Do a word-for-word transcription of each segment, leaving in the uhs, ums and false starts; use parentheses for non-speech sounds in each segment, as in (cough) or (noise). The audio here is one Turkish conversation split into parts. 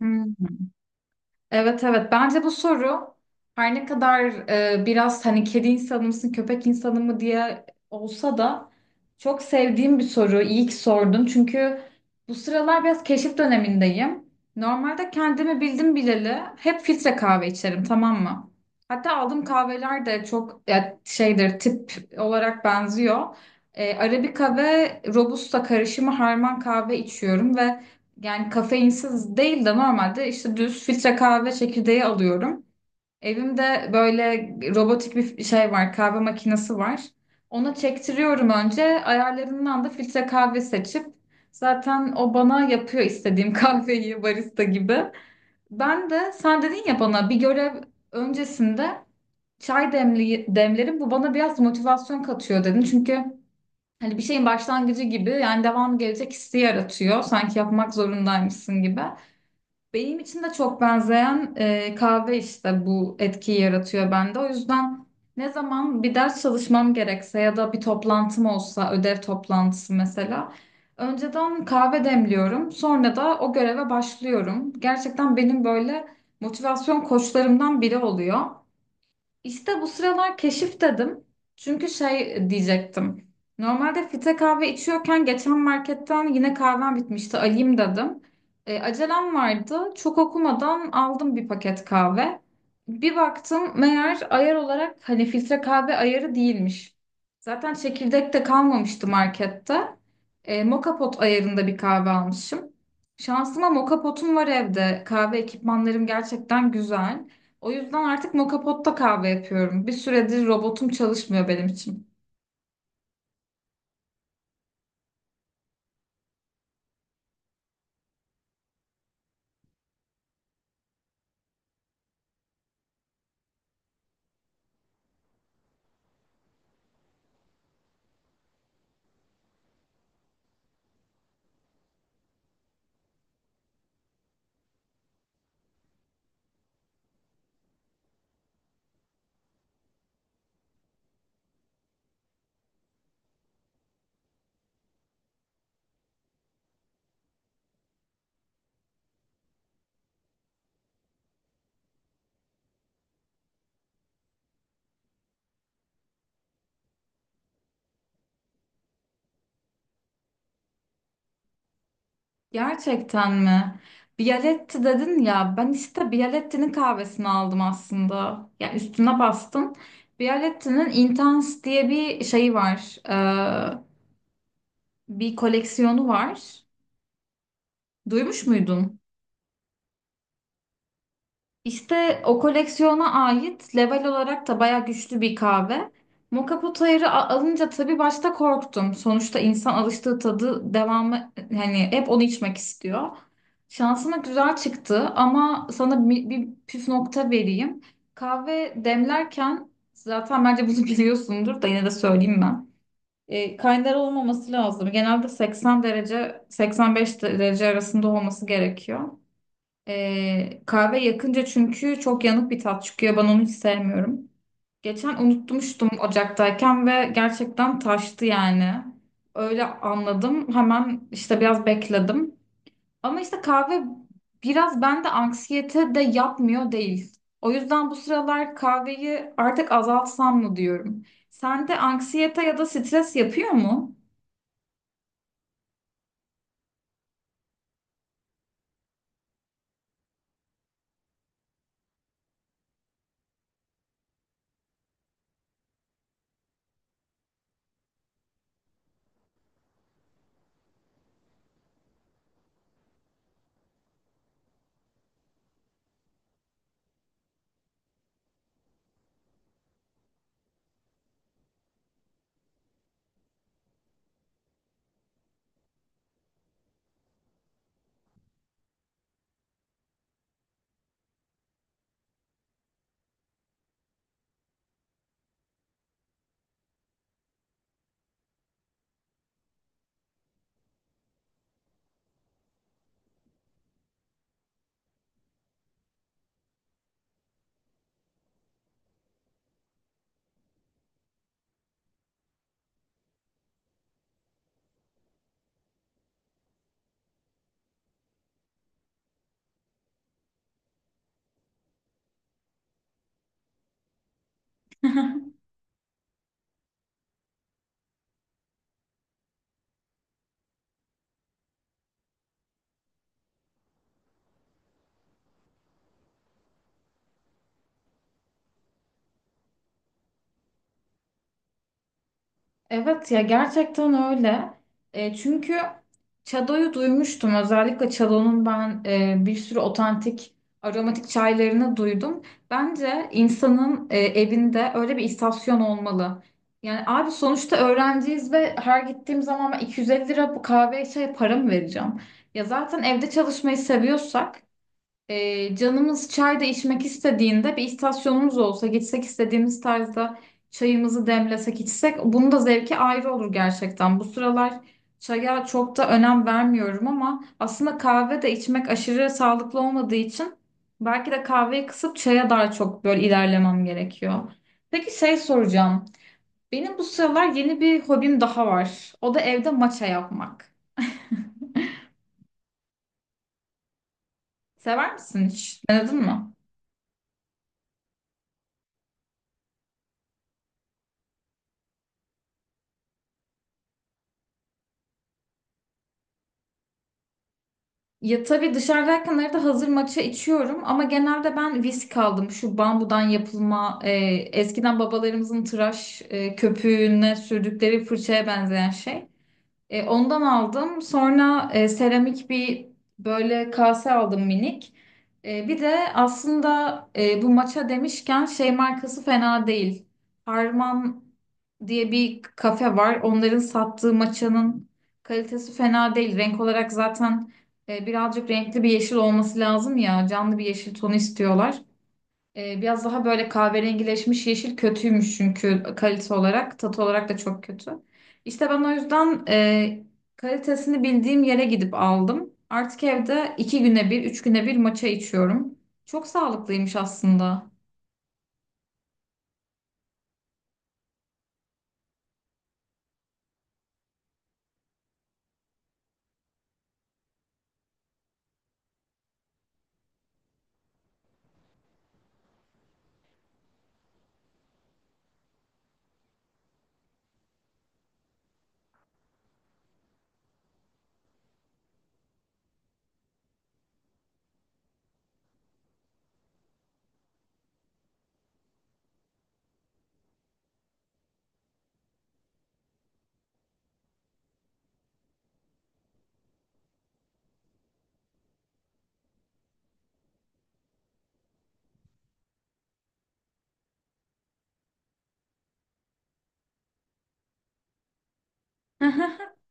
Hmm, evet evet bence bu soru her ne kadar e, biraz hani kedi insanı mısın köpek insanı mı diye olsa da çok sevdiğim bir soru. İyi ki sordun, çünkü bu sıralar biraz keşif dönemindeyim. Normalde kendimi bildim bileli hep filtre kahve içerim, tamam mı? Hatta aldığım kahveler de çok ya, şeydir tip olarak benziyor. E, Arabika ve Robusta karışımı harman kahve içiyorum ve yani kafeinsiz değil de normalde işte düz filtre kahve çekirdeği alıyorum. Evimde böyle robotik bir şey var, kahve makinesi var. Ona çektiriyorum önce. Ayarlarından da filtre kahve seçip zaten o bana yapıyor istediğim (laughs) kahveyi barista gibi. Ben de sen dedin ya, bana bir görev öncesinde çay demli, demlerim, bu bana biraz motivasyon katıyor dedin. Çünkü hani bir şeyin başlangıcı gibi, yani devam gelecek hissi yaratıyor. Sanki yapmak zorundaymışsın gibi. Benim için de çok benzeyen e, kahve işte bu etkiyi yaratıyor bende. O yüzden ne zaman bir ders çalışmam gerekse ya da bir toplantım olsa, ödev toplantısı mesela, önceden kahve demliyorum. Sonra da o göreve başlıyorum. Gerçekten benim böyle motivasyon koçlarımdan biri oluyor. İşte bu sıralar keşif dedim. Çünkü şey diyecektim. Normalde filtre kahve içiyorken geçen marketten yine kahvem bitmişti, alayım dedim. E, acelem vardı. Çok okumadan aldım bir paket kahve. Bir baktım, meğer ayar olarak hani filtre kahve ayarı değilmiş. Zaten çekirdek de kalmamıştı markette. E, moka pot ayarında bir kahve almışım. Şansıma moka potum var evde. Kahve ekipmanlarım gerçekten güzel. O yüzden artık moka potta kahve yapıyorum. Bir süredir robotum çalışmıyor benim için. Gerçekten mi? Bialetti dedin ya. Ben işte Bialetti'nin kahvesini aldım aslında. Yani üstüne bastın. Bialetti'nin Intense diye bir şeyi var. Ee, bir koleksiyonu var. Duymuş muydun? İşte o koleksiyona ait level olarak da baya güçlü bir kahve. Moka Potayır'ı a- alınca tabii başta korktum. Sonuçta insan alıştığı tadı, devamı hani hep onu içmek istiyor. Şansıma güzel çıktı, ama sana bir, bir püf nokta vereyim. Kahve demlerken zaten bence bunu (laughs) biliyorsundur da yine de söyleyeyim ben. E, kaynar olmaması lazım. Genelde seksen derece seksen beş derece arasında olması gerekiyor. Ee, kahve yakınca çünkü çok yanık bir tat çıkıyor. Ben onu hiç sevmiyorum. Geçen unutmuştum ocaktayken ve gerçekten taştı yani. Öyle anladım. Hemen işte biraz bekledim. Ama işte kahve biraz bende anksiyete de yapmıyor değil. O yüzden bu sıralar kahveyi artık azaltsam mı diyorum. Sende anksiyete ya da stres yapıyor mu? (laughs) Evet ya, gerçekten öyle. E, çünkü Çado'yu duymuştum. Özellikle Çado'nun ben e, bir sürü otantik aromatik çaylarını duydum. Bence insanın e, evinde öyle bir istasyon olmalı. Yani abi, sonuçta öğrenciyiz ve her gittiğim zaman ben iki yüz elli lira bu kahve çaya para mı vereceğim? Ya zaten evde çalışmayı seviyorsak ee, canımız çay da içmek istediğinde bir istasyonumuz olsa, gitsek istediğimiz tarzda çayımızı demlesek içsek, bunun da zevki ayrı olur gerçekten. Bu sıralar çaya çok da önem vermiyorum, ama aslında kahve de içmek aşırı sağlıklı olmadığı için belki de kahveyi kısıp çaya daha çok böyle ilerlemem gerekiyor. Peki şey soracağım. Benim bu sıralar yeni bir hobim daha var. O da evde maça yapmak. Sever misin hiç? Denedin mi? Ya tabii dışarıdayken arada hazır matcha içiyorum, ama genelde ben visk aldım. Şu bambudan yapılma, e, eskiden babalarımızın tıraş e, köpüğüne sürdükleri fırçaya benzeyen şey. E, ondan aldım. Sonra e, seramik bir böyle kase aldım, minik. E, bir de aslında e, bu maça demişken şey markası fena değil. Harman diye bir kafe var. Onların sattığı maçanın kalitesi fena değil. Renk olarak zaten e, birazcık renkli bir yeşil olması lazım ya. Canlı bir yeşil tonu istiyorlar. Ee, biraz daha böyle kahverengileşmiş yeşil kötüymüş, çünkü kalite olarak, tat olarak da çok kötü. İşte ben o yüzden e, kalitesini bildiğim yere gidip aldım. Artık evde iki güne bir, üç güne bir matcha içiyorum. Çok sağlıklıymış aslında. (laughs)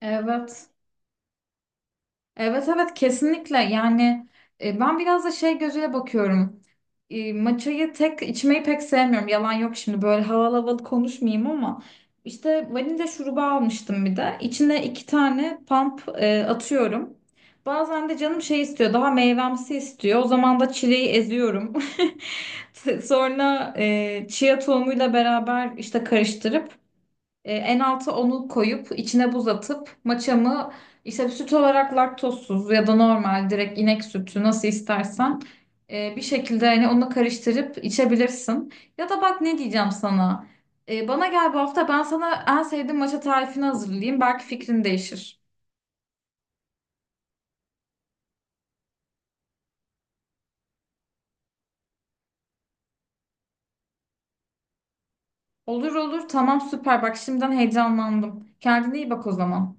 Evet. Evet evet, kesinlikle. Yani e, ben biraz da şey gözüyle bakıyorum. E, maçayı tek içmeyi pek sevmiyorum. Yalan yok, şimdi böyle havalı havalı konuşmayayım ama işte vanilya şurubu almıştım bir de. İçine iki tane pump e, atıyorum. Bazen de canım şey istiyor, daha meyvemsi istiyor. O zaman da çileği eziyorum. (laughs) Sonra e, chia tohumuyla beraber işte karıştırıp e, en alta onu koyup içine buz atıp maçamı işte süt olarak laktozsuz ya da normal direkt inek sütü nasıl istersen e, bir şekilde hani onu karıştırıp içebilirsin. Ya da bak ne diyeceğim sana. E, bana gel bu hafta, ben sana en sevdiğim maça tarifini hazırlayayım. Belki fikrin değişir. Olur olur, tamam, süper, bak şimdiden heyecanlandım. Kendine iyi bak o zaman.